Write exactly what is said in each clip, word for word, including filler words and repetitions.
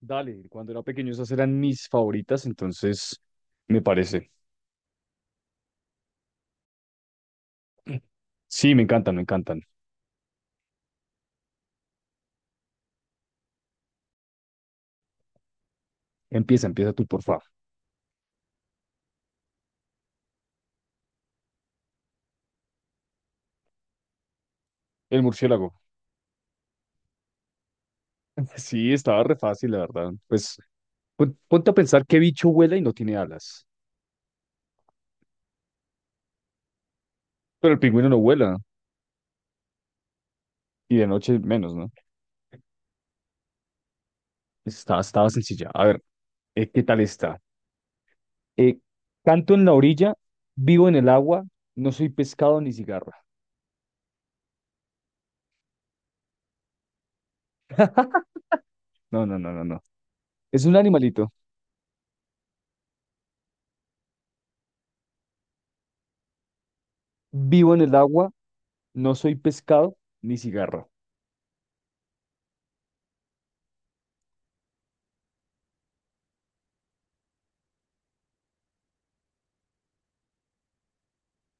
Dale, cuando era pequeño esas eran mis favoritas, entonces me parece. Sí, me encantan, me encantan. Empieza, empieza tú, por favor. El murciélago. Sí, estaba re fácil, la verdad. Pues pon- ponte a pensar qué bicho vuela y no tiene alas. Pero el pingüino no vuela y de noche menos, ¿no? Pues Estaba, estaba sencilla. A ver, eh, ¿qué tal está? Eh, Canto en la orilla, vivo en el agua, no soy pescado ni cigarra. No, no, no, no, no. Es un animalito. Vivo en el agua, no soy pescado ni cigarra.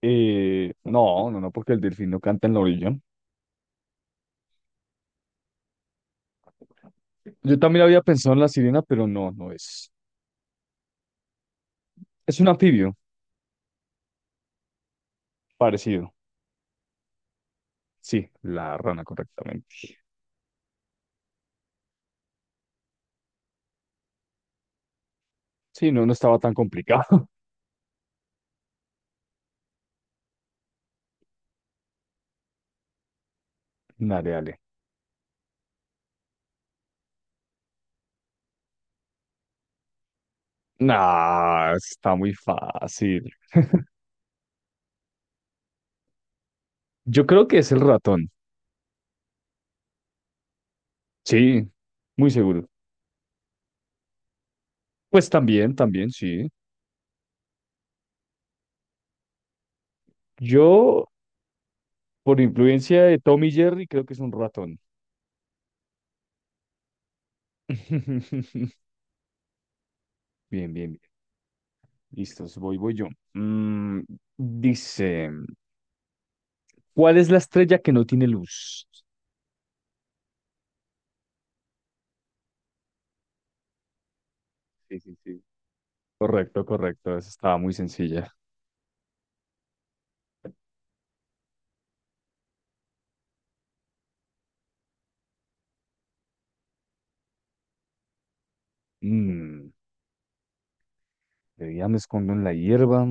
Eh, no, no, no, porque el delfín no canta en la orilla. Yo también había pensado en la sirena, pero no, no es. Es un anfibio parecido. Sí, la rana, correctamente. Sí, no, no estaba tan complicado. Dale, dale. Nah, está muy fácil. Yo creo que es el ratón. Sí, muy seguro. Pues también, también, sí. Yo, por influencia de Tommy Jerry, creo que es un ratón. Bien, bien, bien. Listos, voy, voy yo. Mm, dice. ¿Cuál es la estrella que no tiene luz? Sí, sí, sí. Correcto, correcto. Esa estaba muy sencilla. Mm, de día me escondo en la hierba.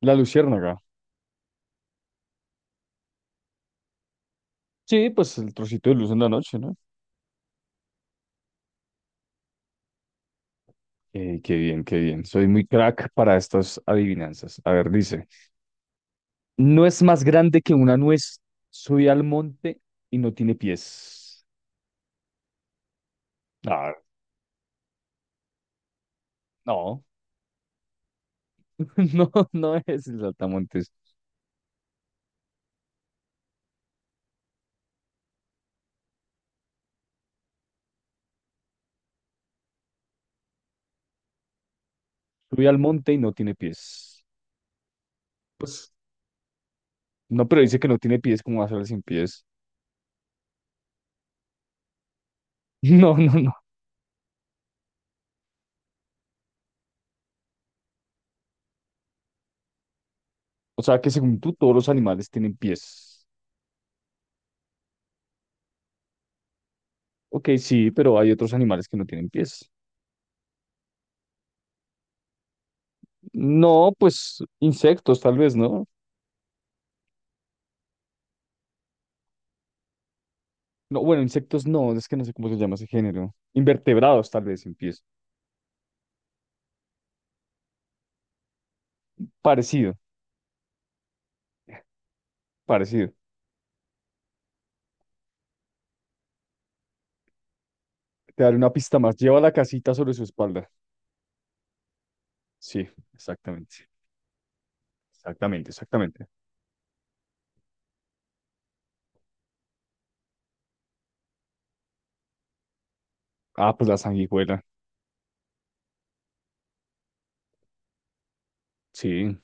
La luciérnaga. Sí, pues el trocito de luz en la noche, ¿no? Eh, qué bien, qué bien. Soy muy crack para estas adivinanzas. A ver, dice. No es más grande que una nuez. Soy al monte y no tiene pies. Ah, no, no, no es el saltamontes. Subí al monte y no tiene pies. Pues, no, pero dice que no tiene pies, ¿cómo va a ser sin pies? No, no, no. O sea que según tú, todos los animales tienen pies. Ok, sí, pero hay otros animales que no tienen pies. No, pues insectos tal vez, ¿no? No, bueno, insectos no, es que no sé cómo se llama ese género. Invertebrados tal vez sin pies. Parecido, parecido. Te daré una pista más. Lleva la casita sobre su espalda. Sí, exactamente. sí. Exactamente, exactamente. Ah, pues la sanguijuela. Sí.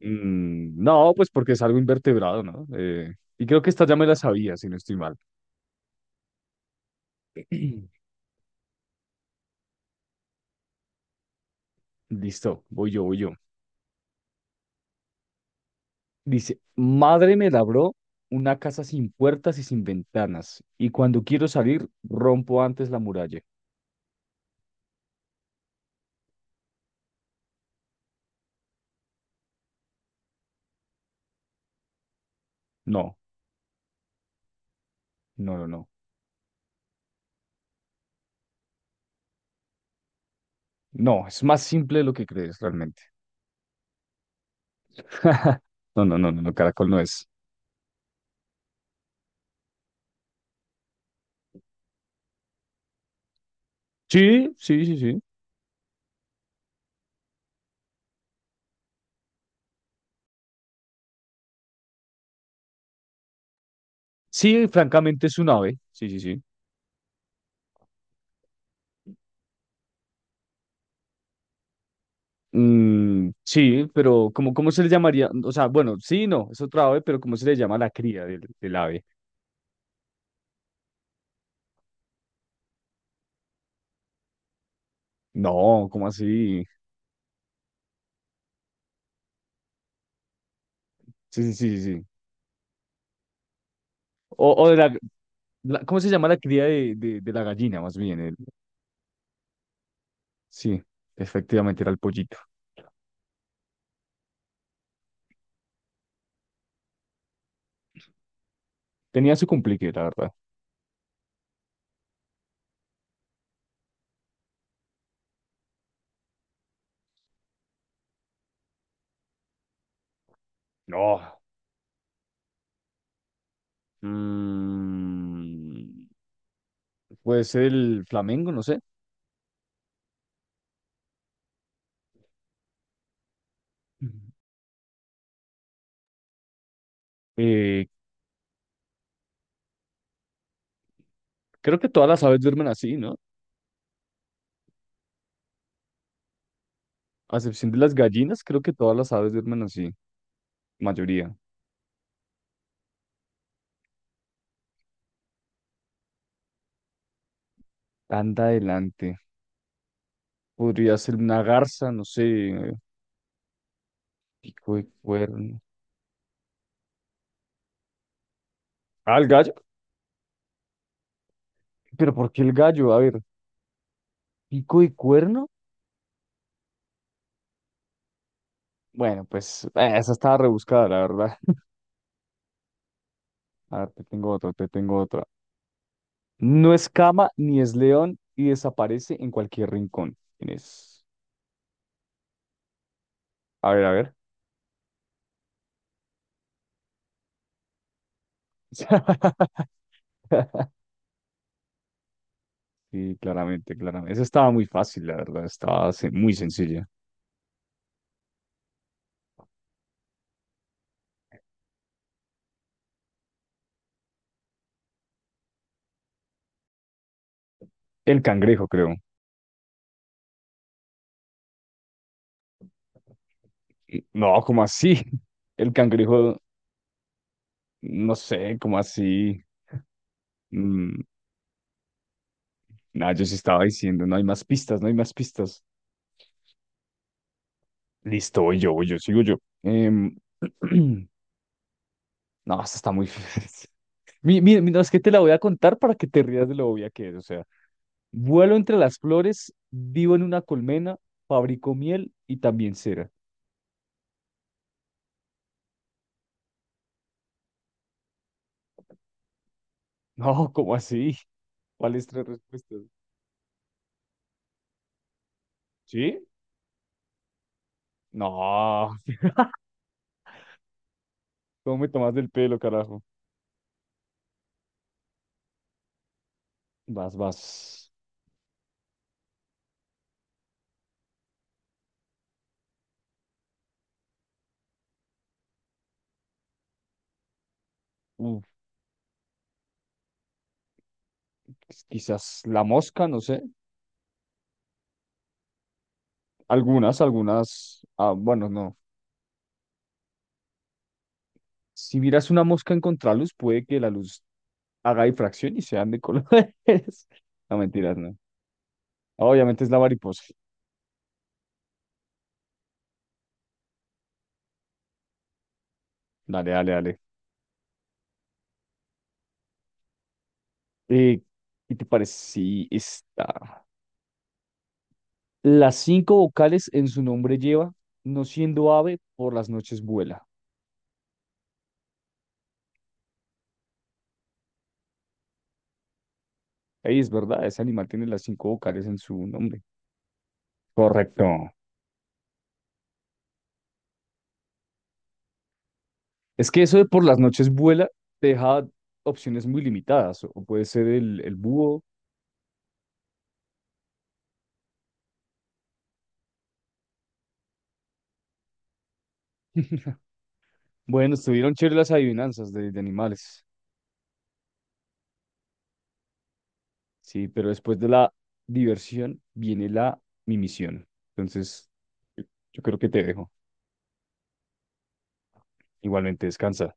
Mm, no, pues porque es algo invertebrado, ¿no? Eh, y creo que esta ya me la sabía, si no estoy mal. Listo, voy yo, voy yo. Dice, madre me labró una casa sin puertas y sin ventanas, y cuando quiero salir, rompo antes la muralla. No, no, no, no. No, es más simple de lo que crees realmente. No, no, no, no, no, caracol no es. Sí, sí, sí, sí. Sí, francamente es un ave. Sí, sí, sí. Mm, sí, pero ¿cómo, cómo se le llamaría? O sea, bueno, sí, no, es otra ave, pero ¿cómo se le llama a la cría del, del ave? No, ¿cómo así? Sí, sí, sí, sí. sí. O, o de la, la- ¿cómo se llama la cría de, de- de la gallina, más bien? El- sí, efectivamente era el pollito. Tenía su complique, la verdad. No. mm, pues el flamengo, no sé. Ujú. Eh, Creo que todas las aves duermen así, ¿no? A excepción de las gallinas, creo que todas las aves duermen así. Mayoría. Anda adelante. Podría ser una garza, no sé. eh, Pico de cuerno. Ah, el gallo. ¿Pero por qué el gallo? A ver, pico y cuerno. Bueno, pues eh, esa estaba rebuscada, la verdad. A ver, te tengo otra, te tengo otra. No es cama ni es león y desaparece en cualquier rincón. Tienes. A ver, a ver. Sí, claramente, claramente. Esa estaba muy fácil, la verdad. Estaba se- muy sencilla. El cangrejo, creo. Y- No, ¿cómo así? El cangrejo, no sé, ¿cómo así? Mm, Nada, yo sí estaba diciendo, no hay más pistas, no hay más pistas. Listo, voy yo, voy yo, sigo yo. Em, no, esta está muy fácil. Mi- mi- mi- no, es que te la voy a contar para que te rías de lo obvia que es. O sea, vuelo entre las flores, vivo en una colmena, fabrico miel y también cera. No, ¿cómo así? ¿Cuáles tres respuestas? ¿Sí? No, ¿cómo me tomas del pelo, carajo? Vas, vas. Uf, quizás la mosca, no sé. Algunas, algunas. Ah, bueno, no. Si miras una mosca en contraluz, puede que la luz haga difracción y sean de colores. No, mentiras, no. Obviamente es la mariposa. Dale, dale, dale. Eh, ¿Qué te parece si está? Las cinco vocales en su nombre lleva, no siendo ave, por las noches vuela. Ahí es verdad, ese animal tiene las cinco vocales en su nombre. Correcto. Es que eso de por las noches vuela te deja opciones muy limitadas. O puede ser el, el búho. Bueno, estuvieron chéveres las adivinanzas de, de animales. Sí, pero después de la diversión viene la mimisión. Entonces, yo yo creo que te dejo. Igualmente, descansa.